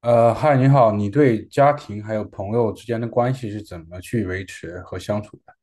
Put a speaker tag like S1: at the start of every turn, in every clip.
S1: 嗨，你好，你对家庭还有朋友之间的关系是怎么去维持和相处的？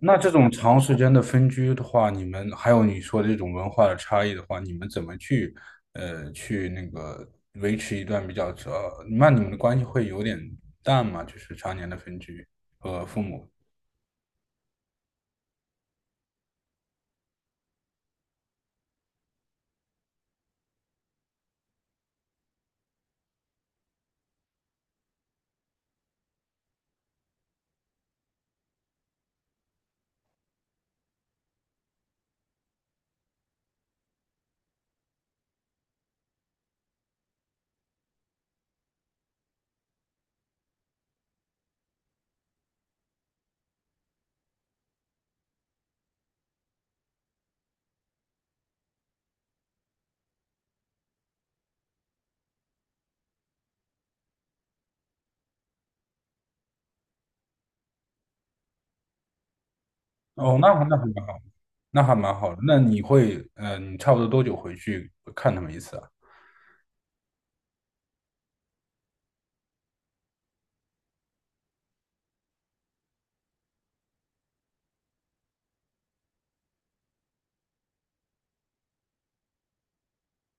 S1: 那这种长时间的分居的话，你们还有你说的这种文化的差异的话，你们怎么去呃去那个维持一段比较那你们的关系会有点淡吗？就是常年的分居和父母。哦，那还蛮好，那还蛮好的。那你会呃，你差不多多久回去看他们一次啊？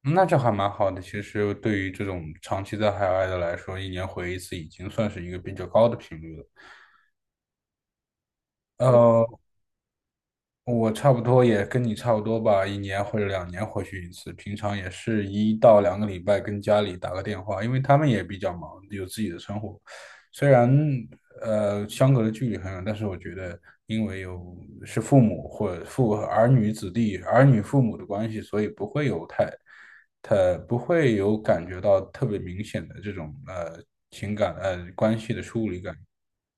S1: 那这还蛮好的。其实对于这种长期在海外的来说，一年回一次已经算是一个比较高的频率了。嗯呃，我差不多也跟你差不多吧，一年或者两年回去一次，平常也是一到两个礼拜跟家里打个电话，因为他们也比较忙，有自己的生活。虽然相隔的距离很远，但是我觉得因为有是父母或者父儿女子弟儿女父母的关系，所以不会有太不会有感觉到特别明显的这种情感关系的疏离感。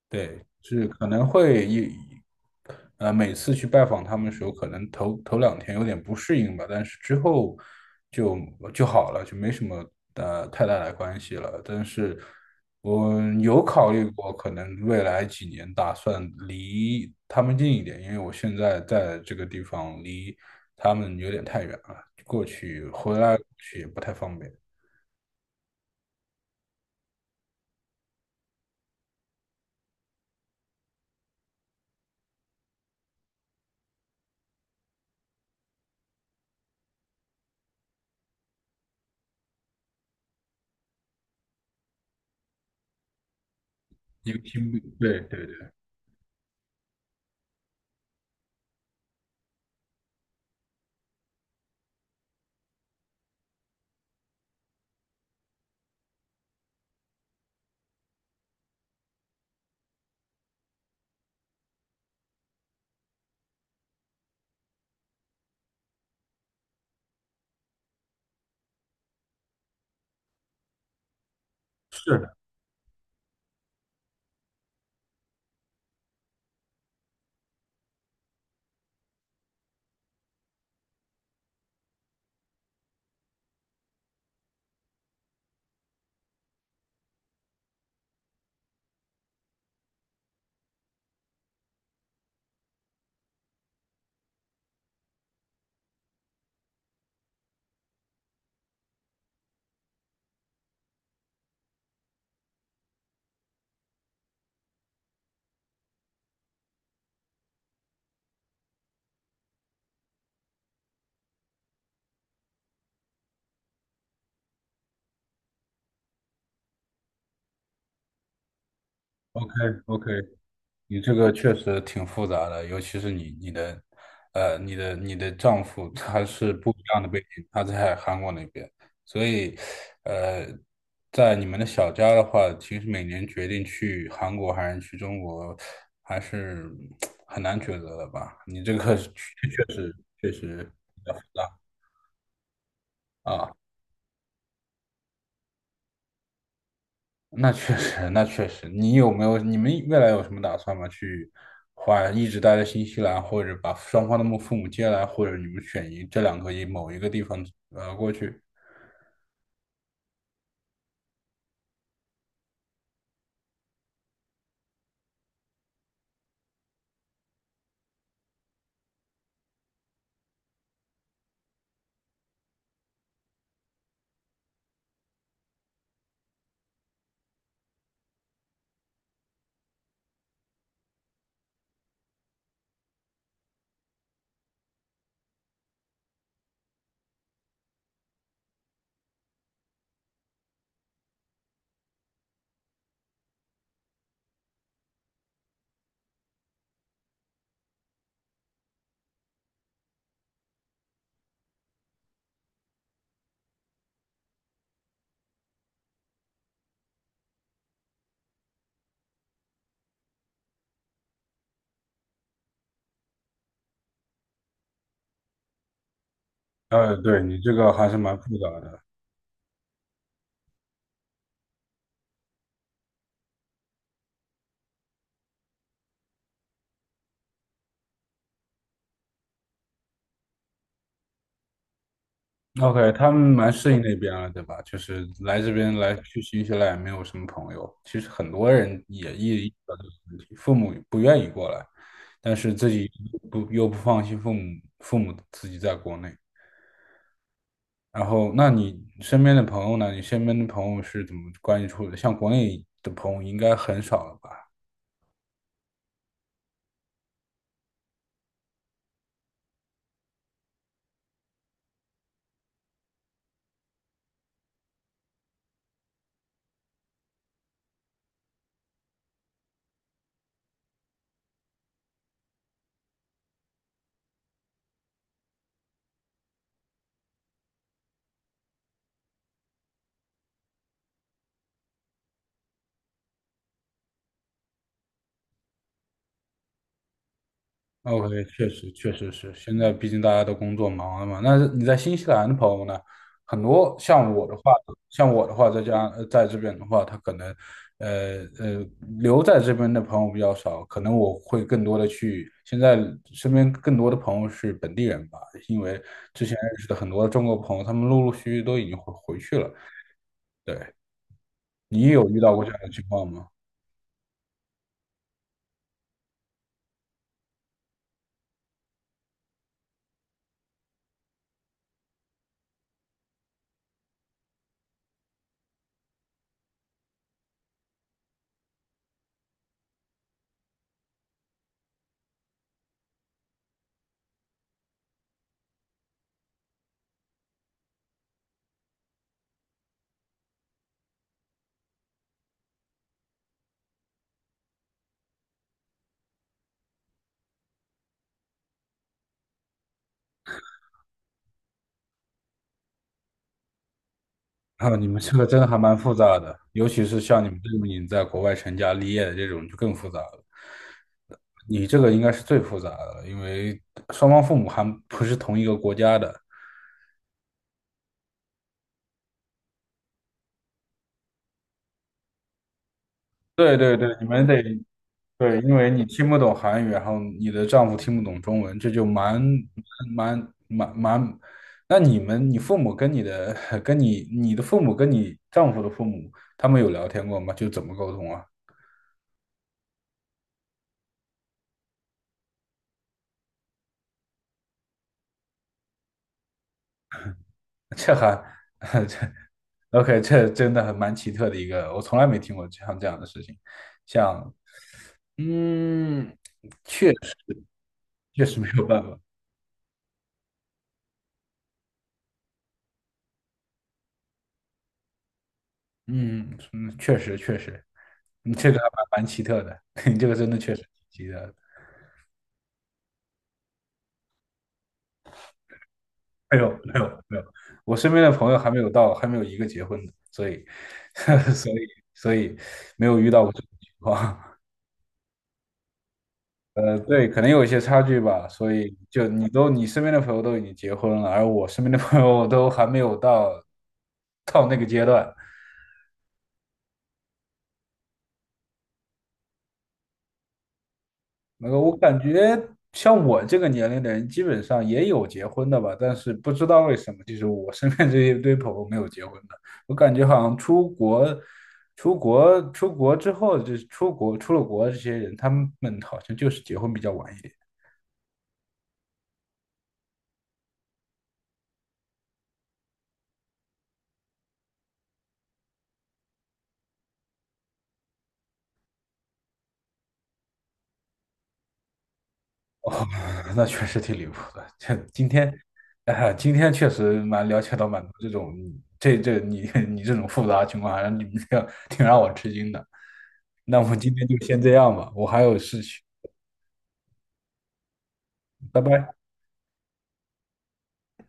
S1: 对，是可能会一，每次去拜访他们的时候，可能头两天有点不适应吧，但是之后就就好了，就没什么太大的关系了。但是我有考虑过，可能未来几年打算离他们近一点，因为我现在在这个地方离他们有点太远了，过去回来过去也不太方便，一个听不，对对对，是的，OK。 OK。你这个确实挺复杂的，尤其是你的丈夫他是不一样的背景，他在韩国那边，所以，呃，在你们的小家的话，其实每年决定去韩国还是去中国，还是 很难抉择的吧？你这个确实确实。啊。那确实，那确实。你有没有，你们未来有什么打算吗？去换，一直待在新西兰，或者把双方的父母接来，或者你们这两个某一个地方过去？对，你这个还是蛮复杂的。OK,他们蛮适应那边了，对吧？就是来这边来去新西兰也没有什么朋友。其实很多人也意识到这个问题，父母不愿意过来，但是自己不又不放心父母，父母自己在国内。然后，那你身边的朋友呢？你身边的朋友是怎么关系处的？像国内的朋友应该很少了吧？OK,确实确实是，现在毕竟大家都工作忙了嘛。那你在新西兰的朋友呢？很多像我的话，在这边的话，他可能呃呃留在这边的朋友比较少，可能我会更多的去现在身边更多的朋友是本地人吧，因为之前认识的很多中国朋友，他们陆陆续续都已经回去了。对。你有遇到过这样的情况吗？啊，你们这个真的还蛮复杂的，尤其是像你们这种已经在国外成家立业的这种就更复杂了。你这个应该是最复杂的了，因为双方父母还不是同一个国家的。对对对，你们得对，因为你听不懂韩语，然后你的丈夫听不懂中文，这就蛮。那你们，你父母跟你的 跟你的父母跟你丈夫的父母，他们有聊天过吗？就怎么沟通啊？这还 这。OK,这真的很蛮奇特的一个，我从来没听过像这样的事情，像，嗯，确实没有办法，嗯嗯，确实确实，你这个还蛮奇特的，你这个真的确实挺奇特的。没有没有没有，我身边的朋友还没有到，还没有一个结婚的，所以 所以所以没有遇到过这种情况。对，可能有一些差距吧，所以就你身边的朋友都已经结婚了，而我身边的朋友都还没有到那个阶段。那个我感觉像我这个年龄的人，基本上也有结婚的吧，但是不知道为什么，就是我身边这一堆朋友没有结婚的。我感觉好像出国之后，就是出了国，这些人他们好像就是结婚比较晚一点。哦，那确实挺离谱的。这今天，今天确实蛮了解到蛮多这种，你 你这种复杂情况，还让你们这样挺让我吃惊的。那我们今天就先这样吧，我还有事情，拜拜。